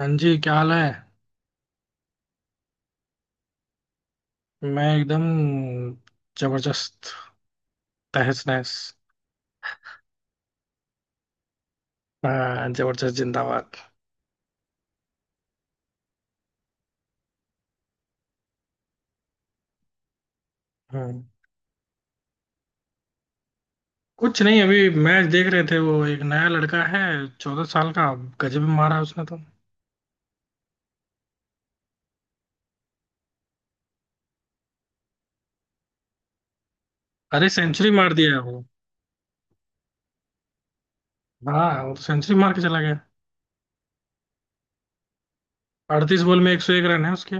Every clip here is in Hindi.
हाँ जी, क्या हाल है। मैं एकदम जबरदस्त, तहस नहस। हाँ, जबरदस्त जिंदाबाद। हम्म। कुछ नहीं, अभी मैच देख रहे थे। वो एक नया लड़का है, 14 साल का। गजब मारा उसने तो। अरे सेंचुरी मार दिया है वो। हाँ, वो सेंचुरी मार के चला गया। 38 बॉल में 101 रन है उसके।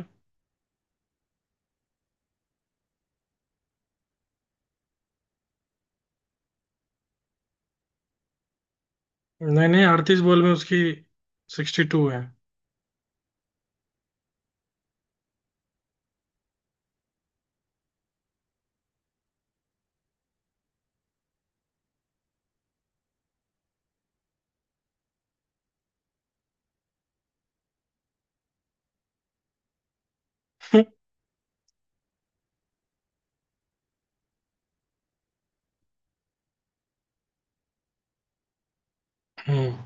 नहीं नहीं, 38 बॉल में उसकी 62 है। हम्म।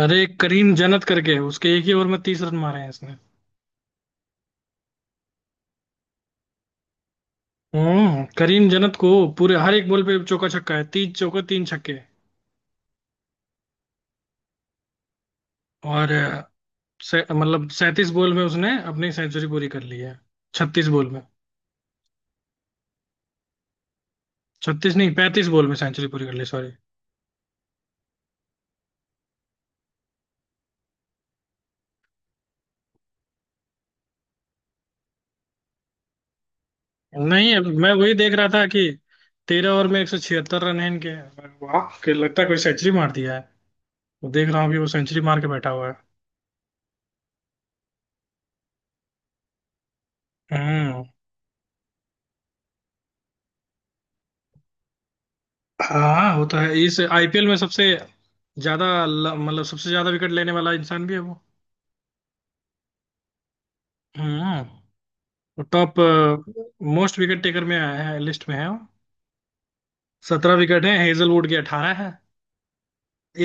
अरे, एक करीम जन्नत करके है, उसके एक ही ओवर में 30 रन मारे हैं। हम्म, करीम जन्नत को पूरे हर एक बॉल पे चौका छक्का है, तीन चौका तीन छक्के। और मतलब 37 बॉल में उसने अपनी सेंचुरी पूरी कर ली है। 36 बॉल में। छत्तीस नहीं, 35 बॉल में सेंचुरी पूरी कर ली, सॉरी। नहीं, अब मैं वही देख रहा था कि 13 ओवर में 176 रन है इनके। वाह, कि लगता है कोई सेंचुरी मार दिया है, तो देख रहा हूँ कि वो सेंचुरी मार के बैठा हुआ है। हम्म। हाँ, होता है। इस आईपीएल में सबसे ज्यादा मतलब सबसे ज्यादा विकेट लेने वाला इंसान भी है वो। हम्म। टॉप मोस्ट विकेट टेकर में आया है, लिस्ट में है। 17 विकेट है, हेजलवुड के 18 है।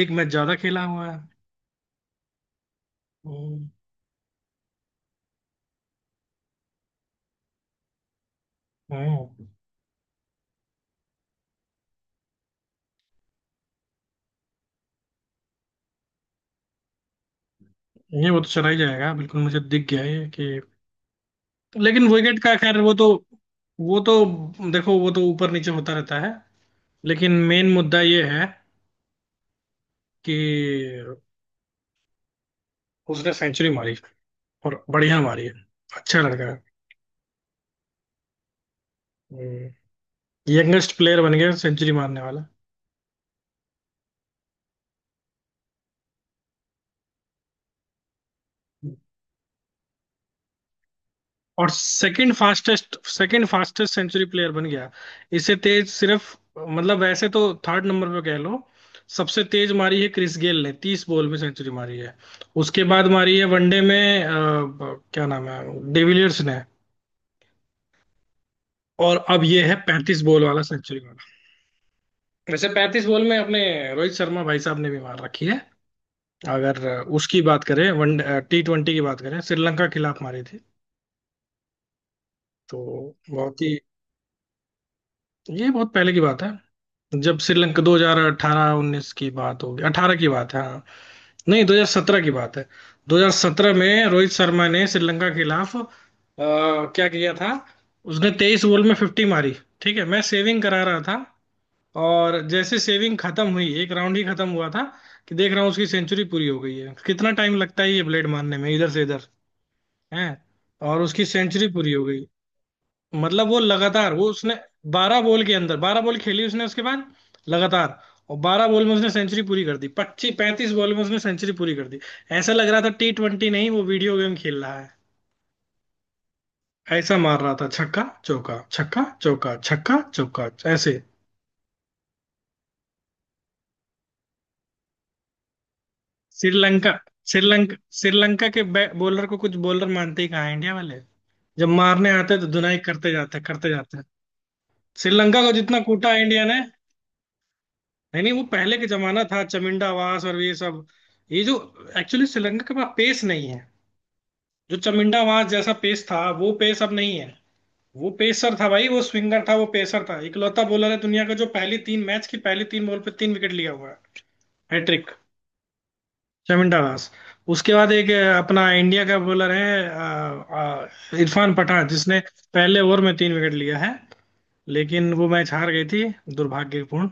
एक मैच ज्यादा खेला हुआ है। हम्म, हम्म। ये वो तो चला ही जाएगा, बिल्कुल मुझे दिख गया ये, कि लेकिन विकेट का, खैर वो तो। वो तो देखो, वो तो ऊपर नीचे होता रहता है। लेकिन मेन मुद्दा ये है कि उसने सेंचुरी मारी, और बढ़िया मारी है। अच्छा लड़का है। यंगेस्ट प्लेयर बन गया सेंचुरी मारने वाला, और second fastest, second fastest century player बन गया। इससे तेज सिर्फ, मतलब वैसे तो थर्ड नंबर पे कह लो। सबसे तेज मारी है क्रिस गेल ने, 30 बॉल में सेंचुरी मारी है। उसके बाद मारी है वनडे में, क्या नाम है, डिविलियर्स ने। और अब ये है 35 बॉल वाला सेंचुरी वाला। वैसे 35 बॉल में अपने रोहित शर्मा भाई साहब ने भी मार रखी है। अगर उसकी बात करें, वन टी ट्वेंटी की बात करें, श्रीलंका के खिलाफ मारी थी तो। बहुत ही, ये बहुत पहले की बात है। जब श्रीलंका 2018-19 की बात होगी, 18 की बात है, हाँ। नहीं, 2017 की बात है। 2017 में रोहित शर्मा ने श्रीलंका के खिलाफ क्या किया था, उसने 23 बॉल में 50 मारी। ठीक है, मैं सेविंग करा रहा था, और जैसे सेविंग खत्म हुई, एक राउंड ही खत्म हुआ था, कि देख रहा हूँ उसकी सेंचुरी पूरी हो गई है। कितना टाइम लगता है ये ब्लेड मारने में, इधर से इधर है, और उसकी सेंचुरी पूरी हो गई। मतलब वो लगातार, वो उसने 12 बॉल के अंदर 12 बॉल खेली उसने, उसके बाद लगातार, और 12 बॉल में उसने सेंचुरी पूरी कर दी। 25 35 बॉल में उसने सेंचुरी पूरी कर दी। ऐसा लग रहा था टी ट्वेंटी नहीं, वो वीडियो गेम खेल रहा है। ऐसा मार रहा था, छक्का चौका छक्का चौका छक्का चौका, ऐसे। श्रीलंका, श्रीलंका श्रीलंका के बॉलर को, कुछ बॉलर मानते ही कहाँ हैं इंडिया वाले। जब मारने आते हैं तो धुनाई करते जाते हैं। श्रीलंका को जितना कूटा है इंडिया ने। नहीं नहीं, वो पहले का जमाना था, चमिंडावास और ये सब। ये जो एक्चुअली श्रीलंका के पास पेस नहीं है। जो चमिंडावास जैसा पेस था, वो पेस अब नहीं है। वो पेसर था भाई, वो स्विंगर था, वो पेसर था। इकलौता बॉलर है दुनिया का जो पहली तीन मैच की पहली तीन बॉल पे तीन विकेट लिया हुआ है। हैट्रिक। चमिंडावास। उसके बाद एक अपना इंडिया का बॉलर है, इरफान पठान, जिसने पहले ओवर में तीन विकेट लिया है, लेकिन वो मैच हार गई थी, दुर्भाग्यपूर्ण।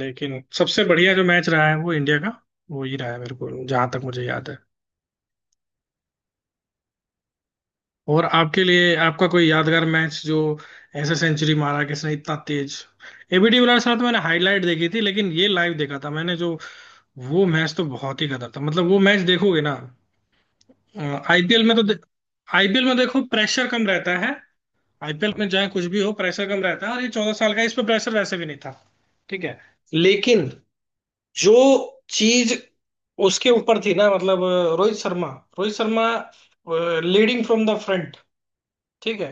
लेकिन सबसे बढ़िया जो मैच रहा है वो इंडिया का, वो ही रहा है मेरे को, जहां तक मुझे याद है। और आपके लिए आपका कोई यादगार मैच जो, ऐसे सेंचुरी मारा किसने इतना तेज। एबी डिविलियर्स साथ मैंने हाईलाइट देखी थी, लेकिन ये लाइव देखा था मैंने, जो वो मैच तो बहुत ही गदर था। मतलब वो मैच देखोगे ना, आईपीएल में तो, आईपीएल में देखो प्रेशर कम रहता है। आईपीएल में चाहे कुछ भी हो, प्रेशर कम रहता है, और ये 14 साल का है, इस पर प्रेशर वैसे भी नहीं था। ठीक है। लेकिन जो चीज उसके ऊपर थी ना, मतलब Rohit Sharma, Rohit Sharma leading from the front. ठीक है,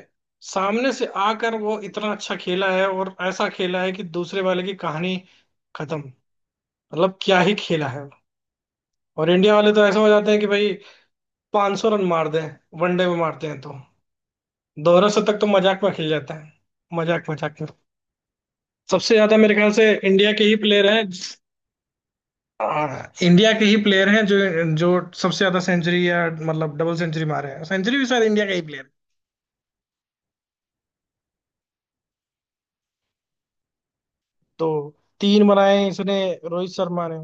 सामने से आकर वो इतना अच्छा खेला है, और ऐसा खेला है कि दूसरे वाले की कहानी खत्म। मतलब क्या ही खेला है। और इंडिया वाले तो ऐसा हो जाते हैं कि भाई 500 रन मार दें। वनडे में मारते हैं तो दोनों से तक तो मजाक में खेल जाता है, मजाक मजाक में। सबसे ज्यादा मेरे ख्याल से इंडिया के ही प्लेयर हैं। हाँ, इंडिया के ही प्लेयर हैं जो जो सबसे ज्यादा सेंचुरी, या मतलब डबल सेंचुरी मारे हैं। सेंचुरी भी शायद इंडिया का ही प्लेयर है। तो तीन बनाए हैं इसने, रोहित शर्मा ने।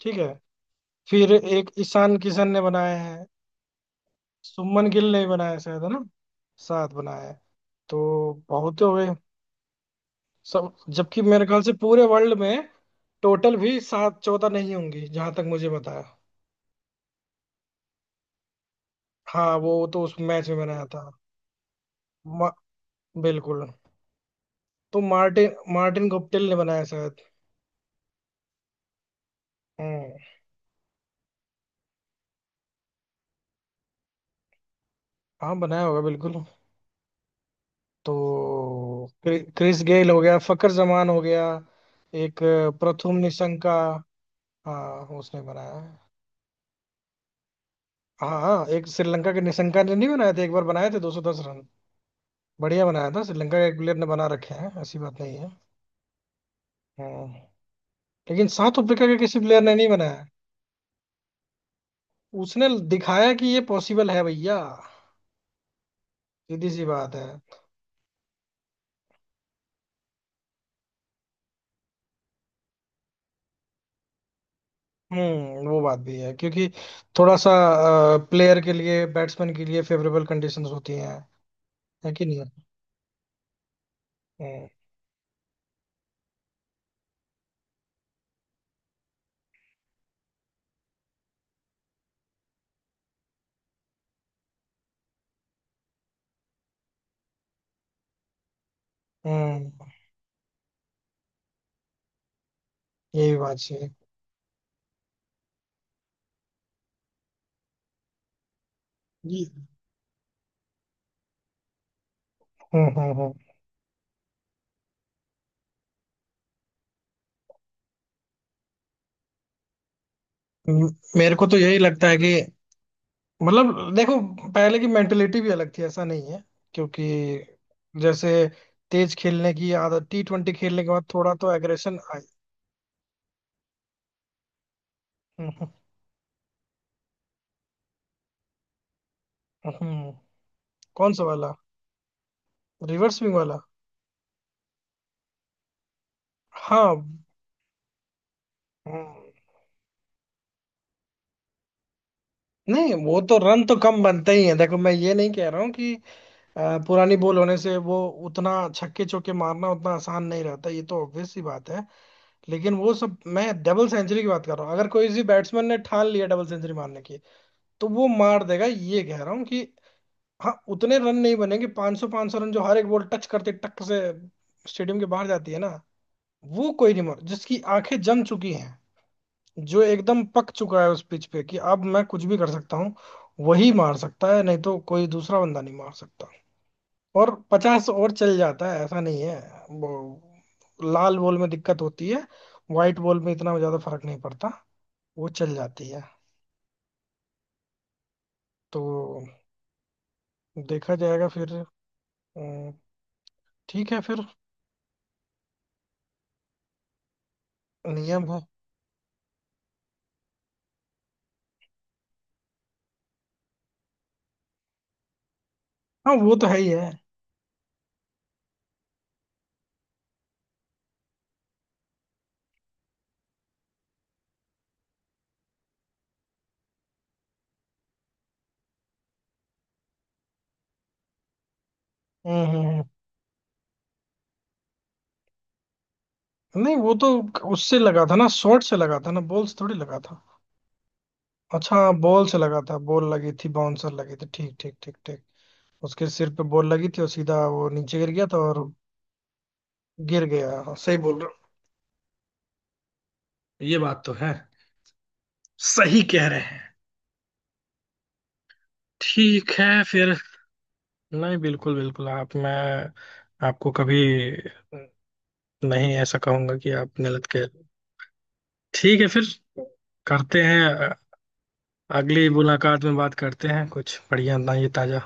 ठीक है फिर। एक ईशान किशन ने बनाए हैं। सुमन गिल ने भी बनाया शायद, है ना। 7 बनाए हैं। तो बहुत हो गए सब। जबकि मेरे ख्याल से पूरे वर्ल्ड में टोटल भी 7 14 नहीं होंगी, जहां तक मुझे बताया। हाँ, वो तो उस मैच में बनाया था। मा, बिल्कुल। तो मार्टिन, मार्टिन गुप्टिल ने बनाया शायद। हम्म। हाँ, बनाया होगा बिल्कुल। तो क्रिस गेल हो गया, फकर जमान हो गया एक, प्रथुम निशंका। हाँ, उसने बनाया है। हाँ हाँ, एक श्रीलंका के निशंका ने नहीं बनाए थे, एक बार बनाए थे 210 रन। बढ़िया बनाया था। श्रीलंका के एक प्लेयर ने बना रखे हैं, ऐसी बात नहीं है। हम्म। लेकिन साउथ अफ्रीका के किसी प्लेयर ने नहीं बनाया। उसने दिखाया कि ये पॉसिबल है भैया, सीधी सी बात है। हम्म, वो बात भी है। क्योंकि थोड़ा सा प्लेयर के लिए, बैट्समैन के लिए फेवरेबल कंडीशंस होती हैं, है कि नहीं। हम्म, हम्म, ये भी बात सही है। ये- हम्म। हम्म म- मेरे को तो यही लगता है कि, मतलब देखो, पहले की मेंटेलिटी भी अलग थी, ऐसा नहीं है क्योंकि, जैसे तेज खेलने की आदत टी ट्वेंटी खेलने के बाद थोड़ा तो एग्रेशन आई। हम्म, हम्म, हम्म। कौन सा वाला, रिवर्स स्विंग वाला। हाँ। हम्म। नहीं, वो तो रन तो कम बनते ही है, देखो मैं ये नहीं कह रहा हूँ कि अ, पुरानी बॉल होने से वो उतना छक्के चौके मारना उतना आसान नहीं रहता, ये तो ऑब्वियस सी बात है। लेकिन वो सब, मैं डबल सेंचुरी की बात कर रहा हूँ। अगर कोई इसी बैट्समैन ने ठान लिया डबल सेंचुरी मारने की, तो वो मार देगा, ये कह रहा हूँ कि हाँ उतने रन नहीं बनेंगे। 500 500 रन जो हर एक बॉल टच करते टक से स्टेडियम के बाहर जाती है ना, वो कोई नहीं मार। जिसकी आंखें जम चुकी हैं, जो एकदम पक चुका है उस पिच पे, कि अब मैं कुछ भी कर सकता हूँ, वही मार सकता है। नहीं तो कोई दूसरा बंदा नहीं मार सकता, और 50 और चल जाता है ऐसा नहीं है। वो लाल बॉल में दिक्कत होती है, व्हाइट बॉल में इतना ज्यादा फर्क नहीं पड़ता, वो चल जाती है। तो देखा जाएगा फिर। अम, ठीक है फिर, नियम है। हाँ, वो तो है ही है। हम्म, नहीं, वो तो उससे लगा था ना, शॉट से लगा था ना, बॉल से थोड़ी लगा था। अच्छा हाँ, बॉल से लगा था, बॉल लगी थी, बाउंसर लगी थी, ठीक ठीक ठीक ठीक। उसके सिर पे बॉल लगी थी और सीधा वो नीचे गिर गया था, और गिर गया, हाँ, सही बोल रहे हो। ये बात तो है, सही कह रहे हैं। ठीक है फिर। नहीं बिल्कुल बिल्कुल, आप, मैं आपको कभी नहीं ऐसा कहूंगा कि आप गलत कह रहे हो। ठीक है फिर, करते हैं अगली मुलाकात में बात करते हैं कुछ बढ़िया, ना ये ताजा